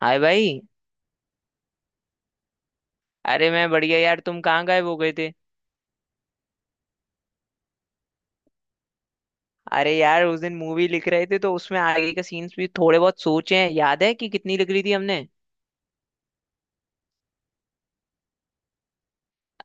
हाय भाई। अरे मैं बढ़िया यार, तुम कहाँ गायब हो गए थे? अरे यार, उस दिन मूवी लिख रहे थे तो उसमें आगे के सीन्स भी थोड़े बहुत सोचे हैं, याद है कि कितनी लिख रही थी हमने?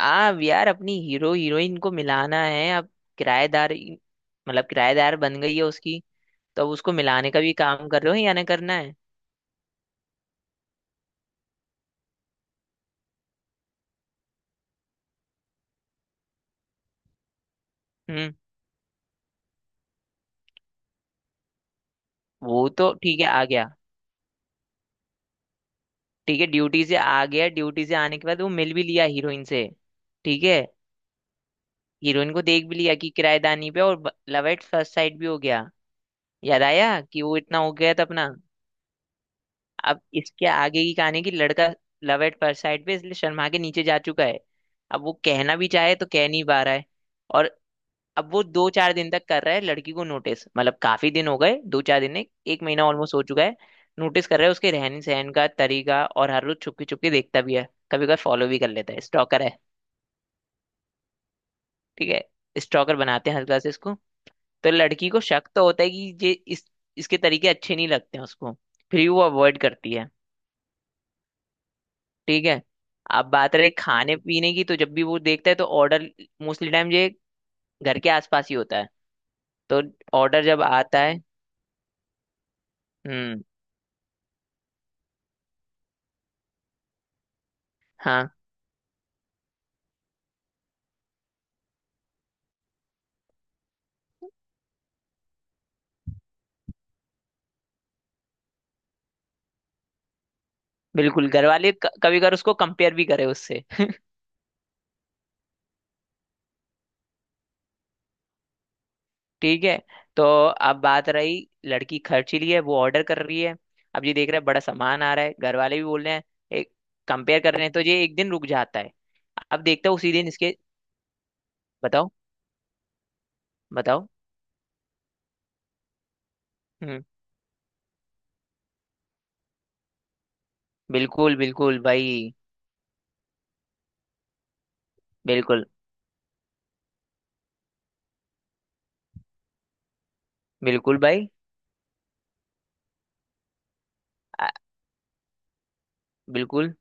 आ यार, अपनी हीरो हीरोइन को मिलाना है अब। किराएदार। मतलब किराएदार बन गई है उसकी। तो अब उसको मिलाने का भी काम कर रहे हो या ना करना है? हम्म। वो तो ठीक है, आ गया। ठीक है, ड्यूटी से आ गया, ड्यूटी से आने के बाद वो मिल भी लिया हीरोइन से। ठीक है। हीरोइन को देख भी लिया कि किराएदानी पे, और लव एट फर्स्ट साइड भी हो गया। याद आया कि वो इतना हो गया था अपना। अब इसके आगे की कहानी की लड़का लव एट फर्स्ट साइड पे इसलिए शर्मा के नीचे जा चुका है। अब वो कहना भी चाहे तो कह नहीं पा रहा है। और अब वो दो चार दिन तक कर रहा है लड़की को नोटिस, मतलब काफी दिन हो गए, दो चार दिन नहीं, एक महीना ऑलमोस्ट हो चुका है। नोटिस कर रहा है उसके रहन सहन का तरीका, और हर रोज छुपके छुपके देखता भी है, कभी कभी फॉलो भी कर लेता है, स्टॉकर है। ठीक है, स्टॉकर बनाते हैं हल्का से इसको। तो लड़की को शक तो होता है कि ये इस इसके तरीके अच्छे नहीं लगते हैं उसको। फिर भी वो अवॉइड करती है। ठीक है। अब बात रही खाने पीने की, तो जब भी वो देखता है तो ऑर्डर मोस्टली टाइम ये घर के आसपास ही होता है। तो ऑर्डर जब आता है। हम्म। हाँ, बिल्कुल घर वाले कभी कभार उसको कंपेयर भी करे उससे। ठीक है। तो अब बात रही लड़की खर्च रही है, वो ऑर्डर कर रही है। अब ये देख रहा है बड़ा सामान आ रहा है, घर वाले भी बोल रहे हैं, एक कंपेयर कर रहे हैं, तो ये एक दिन रुक जाता है। अब देखता हूँ उसी दिन इसके। बताओ। बताओ। हम्म। बिल्कुल बिल्कुल भाई। बिल्कुल बिल्कुल भाई। आ, बिल्कुल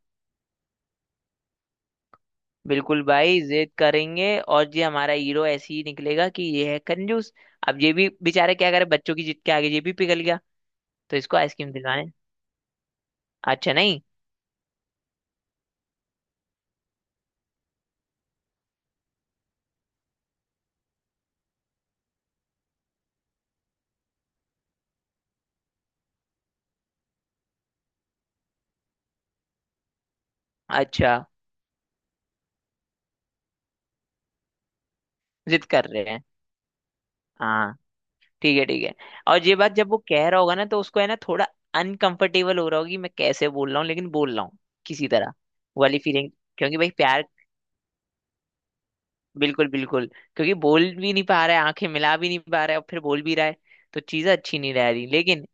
बिल्कुल भाई, जिद करेंगे और ये हमारा हीरो ऐसे ही निकलेगा कि ये है कंजूस। अब ये भी बेचारा क्या करे, बच्चों की जिद के आगे ये भी पिघल गया। तो इसको आइसक्रीम दिलाने। अच्छा नहीं। अच्छा। जिद कर रहे हैं। हाँ। ठीक है, ठीक है। और ये बात जब वो कह रहा होगा ना तो उसको है ना थोड़ा अनकंफर्टेबल हो रहा होगी, मैं कैसे बोल रहा हूँ लेकिन बोल रहा हूँ किसी तरह। वो वाली फीलिंग, क्योंकि भाई प्यार। बिल्कुल बिल्कुल। क्योंकि बोल भी नहीं पा रहा है, आंखें मिला भी नहीं पा रहा है, और फिर बोल भी रहा है, तो चीजें अच्छी नहीं रह रही, लेकिन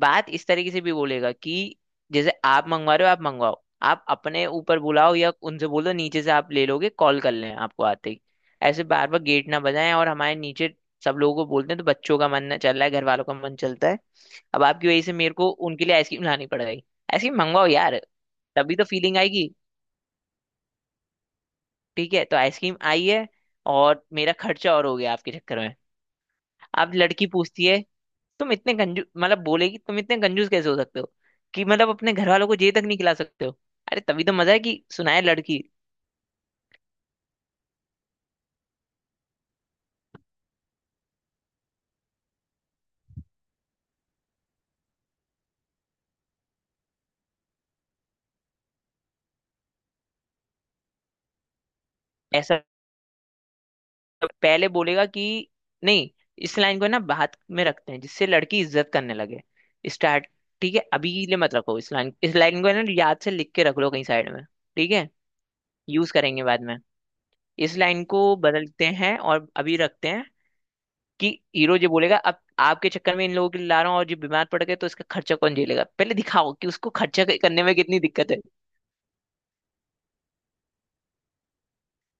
बात इस तरीके से भी बोलेगा कि जैसे आप मंगवा रहे हो, आप मंगवाओ, आप अपने ऊपर बुलाओ, या उनसे बोलो नीचे से आप ले लोगे, कॉल कर लें आपको आते ही। ऐसे बार बार गेट ना बजाएं, और हमारे नीचे सब लोगों को बोलते हैं तो बच्चों का मन ना चल रहा है, घर वालों का मन चलता है। अब आपकी वजह से मेरे को उनके लिए आइसक्रीम लानी पड़ गई। आइसक्रीम मंगवाओ यार, तभी तो फीलिंग आएगी। ठीक है, तो आइसक्रीम आई है और मेरा खर्चा और हो गया आपके चक्कर में। अब लड़की पूछती है, तुम इतने कंजूस, मतलब बोलेगी तुम इतने कंजूस कैसे हो सकते हो कि मतलब अपने घर वालों को ये तक नहीं खिला सकते हो? अरे तभी तो मजा है कि सुनाए लड़की। ऐसा पहले बोलेगा कि नहीं, इस लाइन को ना बात में रखते हैं जिससे लड़की इज्जत करने लगे। स्टार्ट। ठीक है, अभी के लिए मत रखो, इस लाइन, इस लाइन को है ना याद से लिख के रख लो कहीं साइड में। ठीक है। यूज करेंगे बाद में। इस लाइन को बदलते हैं और अभी रखते हैं कि हीरो ये बोलेगा, अब आपके चक्कर में इन लोगों के लिए ला रहा हूँ और जो बीमार पड़ गए तो इसका खर्चा कौन झेलेगा? पहले दिखाओ कि उसको खर्चा करने में कितनी दिक्कत है।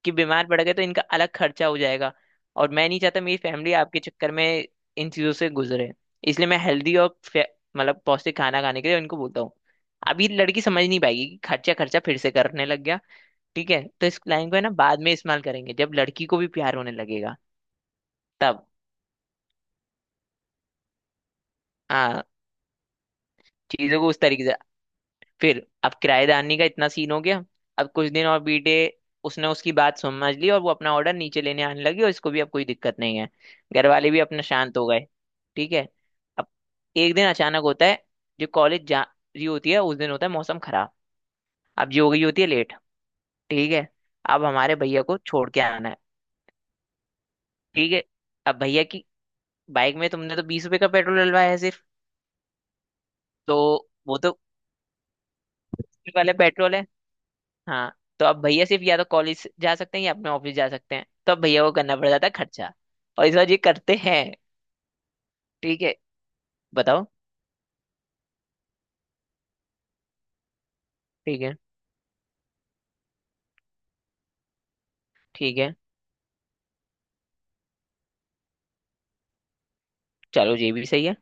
कि बीमार पड़ गए तो इनका अलग खर्चा हो जाएगा, और मैं नहीं चाहता मेरी फैमिली आपके चक्कर में इन चीजों से गुजरे, इसलिए मैं हेल्दी और मतलब पौष्टिक खाना खाने के लिए इनको बोलता हूँ। अभी लड़की समझ नहीं पाएगी कि खर्चा खर्चा फिर से करने लग गया। ठीक है, तो इस लाइन को है ना बाद में इस्तेमाल करेंगे जब लड़की को भी प्यार होने लगेगा। तब हाँ, चीजों को उस तरीके से। फिर अब किराएदारनी का इतना सीन हो गया। अब कुछ दिन और बीते। उसने उसकी बात समझ ली और वो अपना ऑर्डर नीचे लेने आने लगी, और इसको भी अब कोई दिक्कत नहीं है। घर वाले भी अपना शांत हो गए। ठीक है। अब एक दिन अचानक होता है, जो कॉलेज जा रही होती है उस दिन होता है मौसम खराब। अब जो हो गई होती है लेट। ठीक है। अब हमारे भैया को छोड़ के आना है। ठीक है। अब भैया की बाइक में तुमने तो 20 रुपए का पेट्रोल डलवाया है सिर्फ, तो वो तो फ्री वाले पेट्रोल है। हाँ। तो अब भैया सिर्फ या तो कॉलेज जा सकते हैं या अपने ऑफिस जा सकते हैं, तो अब भैया को करना पड़ जाता है खर्चा। और इस बार ये करते हैं। ठीक है। बताओ। ठीक है, ठीक है। चलो ये भी सही है।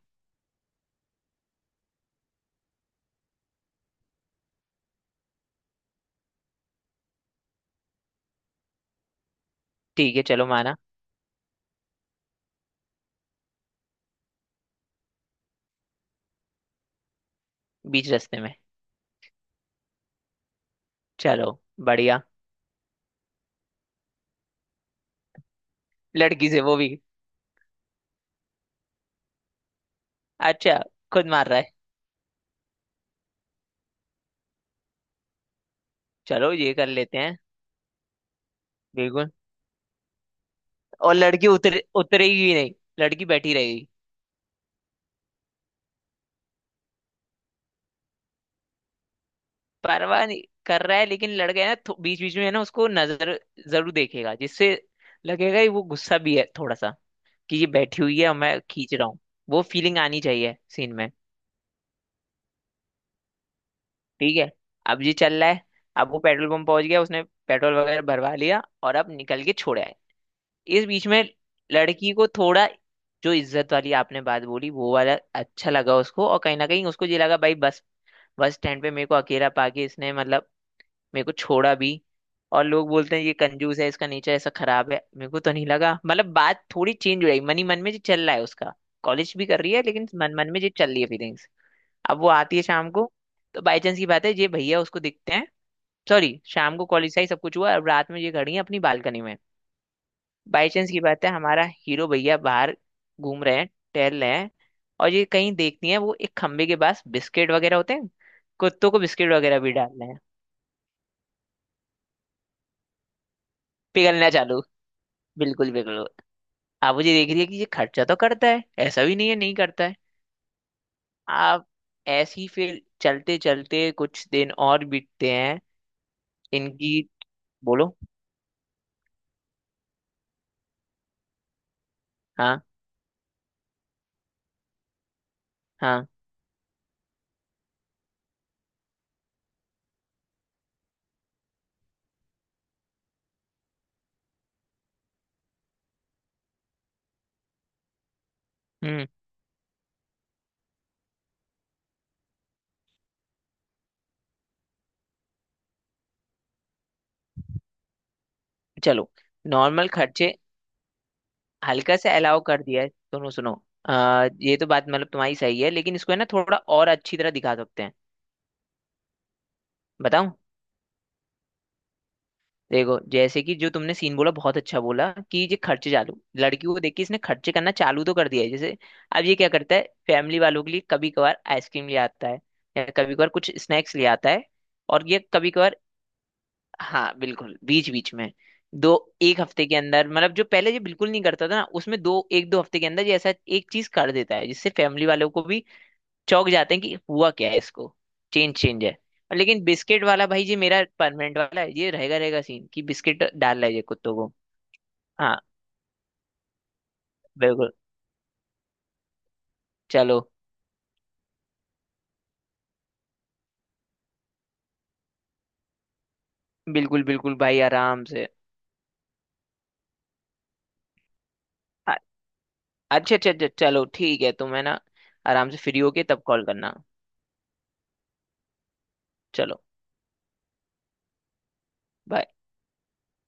ठीक है, चलो माना। बीच रास्ते में। चलो, बढ़िया। लड़की से वो भी। अच्छा, खुद मार रहा है। चलो ये कर लेते हैं। बिल्कुल। और लड़की उतरे उतरेगी नहीं, लड़की बैठी रहेगी। परवाह नहीं कर रहा है लेकिन लड़का है ना, बीच बीच में है ना उसको नजर जरूर देखेगा, जिससे लगेगा कि वो गुस्सा भी है थोड़ा सा कि ये बैठी हुई है और मैं खींच रहा हूँ। वो फीलिंग आनी चाहिए सीन में। ठीक है। अब ये चल रहा है। अब वो पेट्रोल पंप पहुंच गया, उसने पेट्रोल वगैरह भरवा लिया और अब निकल के छोड़ा है। इस बीच में लड़की को थोड़ा जो इज्जत वाली आपने बात बोली वो वाला अच्छा लगा उसको, और कहीं ना कहीं उसको ये लगा, भाई बस बस स्टैंड पे मेरे को अकेला पाके इसने मतलब मेरे को छोड़ा भी, और लोग बोलते हैं ये कंजूस है, इसका नेचर ऐसा खराब है, मेरे को तो नहीं लगा, मतलब बात थोड़ी चेंज हो रही मन ही मन में जो चल रहा है उसका। कॉलेज भी कर रही है लेकिन मन मन में जो चल रही है फीलिंग्स। अब वो आती है शाम को, तो बाई चांस की बात है ये भैया उसको दिखते हैं। सॉरी, शाम को कॉलेज से ही सब कुछ हुआ, अब रात में ये खड़ी है अपनी बालकनी में। बाई चांस की बात है हमारा हीरो भैया बाहर घूम रहे हैं, टहल रहे हैं, और ये कहीं देखती है वो एक खंबे के पास बिस्किट वगैरह होते हैं, कुत्तों को बिस्किट वगैरह भी डाल रहे हैं। पिघलना चालू। बिल्कुल बिल्कुल। आप मुझे देख रही है कि ये खर्चा तो करता है, ऐसा भी नहीं है नहीं करता है आप। ऐसे ही फिर चलते चलते कुछ दिन और बीतते हैं इनकी। बोलो। हाँ। हाँ। हम्म। चलो। नॉर्मल खर्चे। हल्का से अलाउ कर दिया है, सुनो सुनो। ये तो बात मतलब तुम्हारी सही है लेकिन इसको है ना थोड़ा और अच्छी तरह दिखा सकते हैं। बताओ। देखो जैसे कि जो तुमने सीन बोला बहुत अच्छा बोला, कि ये खर्चे चालू, लड़की को देख के इसने खर्चे करना चालू तो कर दिया है जैसे। अब ये क्या करता है, फैमिली वालों के लिए कभी कभार आइसक्रीम ले आता है या कभी कभार कुछ स्नैक्स ले आता है। और ये कभी कभार, हाँ बिल्कुल बीच बीच में, दो एक हफ्ते के अंदर, मतलब जो पहले ये बिल्कुल नहीं करता था ना, उसमें दो एक दो हफ्ते के अंदर ये ऐसा एक चीज कर देता है जिससे फैमिली वालों को भी चौंक जाते हैं कि हुआ क्या है इसको। चेंज चेंज है। और लेकिन बिस्किट वाला भाई जी मेरा परमानेंट वाला है, ये रहेगा रहेगा सीन कि बिस्किट डाल रहा है ये कुत्तों को। हाँ। बिल्कुल। चलो। बिल्कुल बिल्कुल भाई, आराम से। अ- अच्छा अच्छा अच्छा, चलो ठीक है, तुम है ना आराम से फ्री होके तब कॉल करना। चलो bye।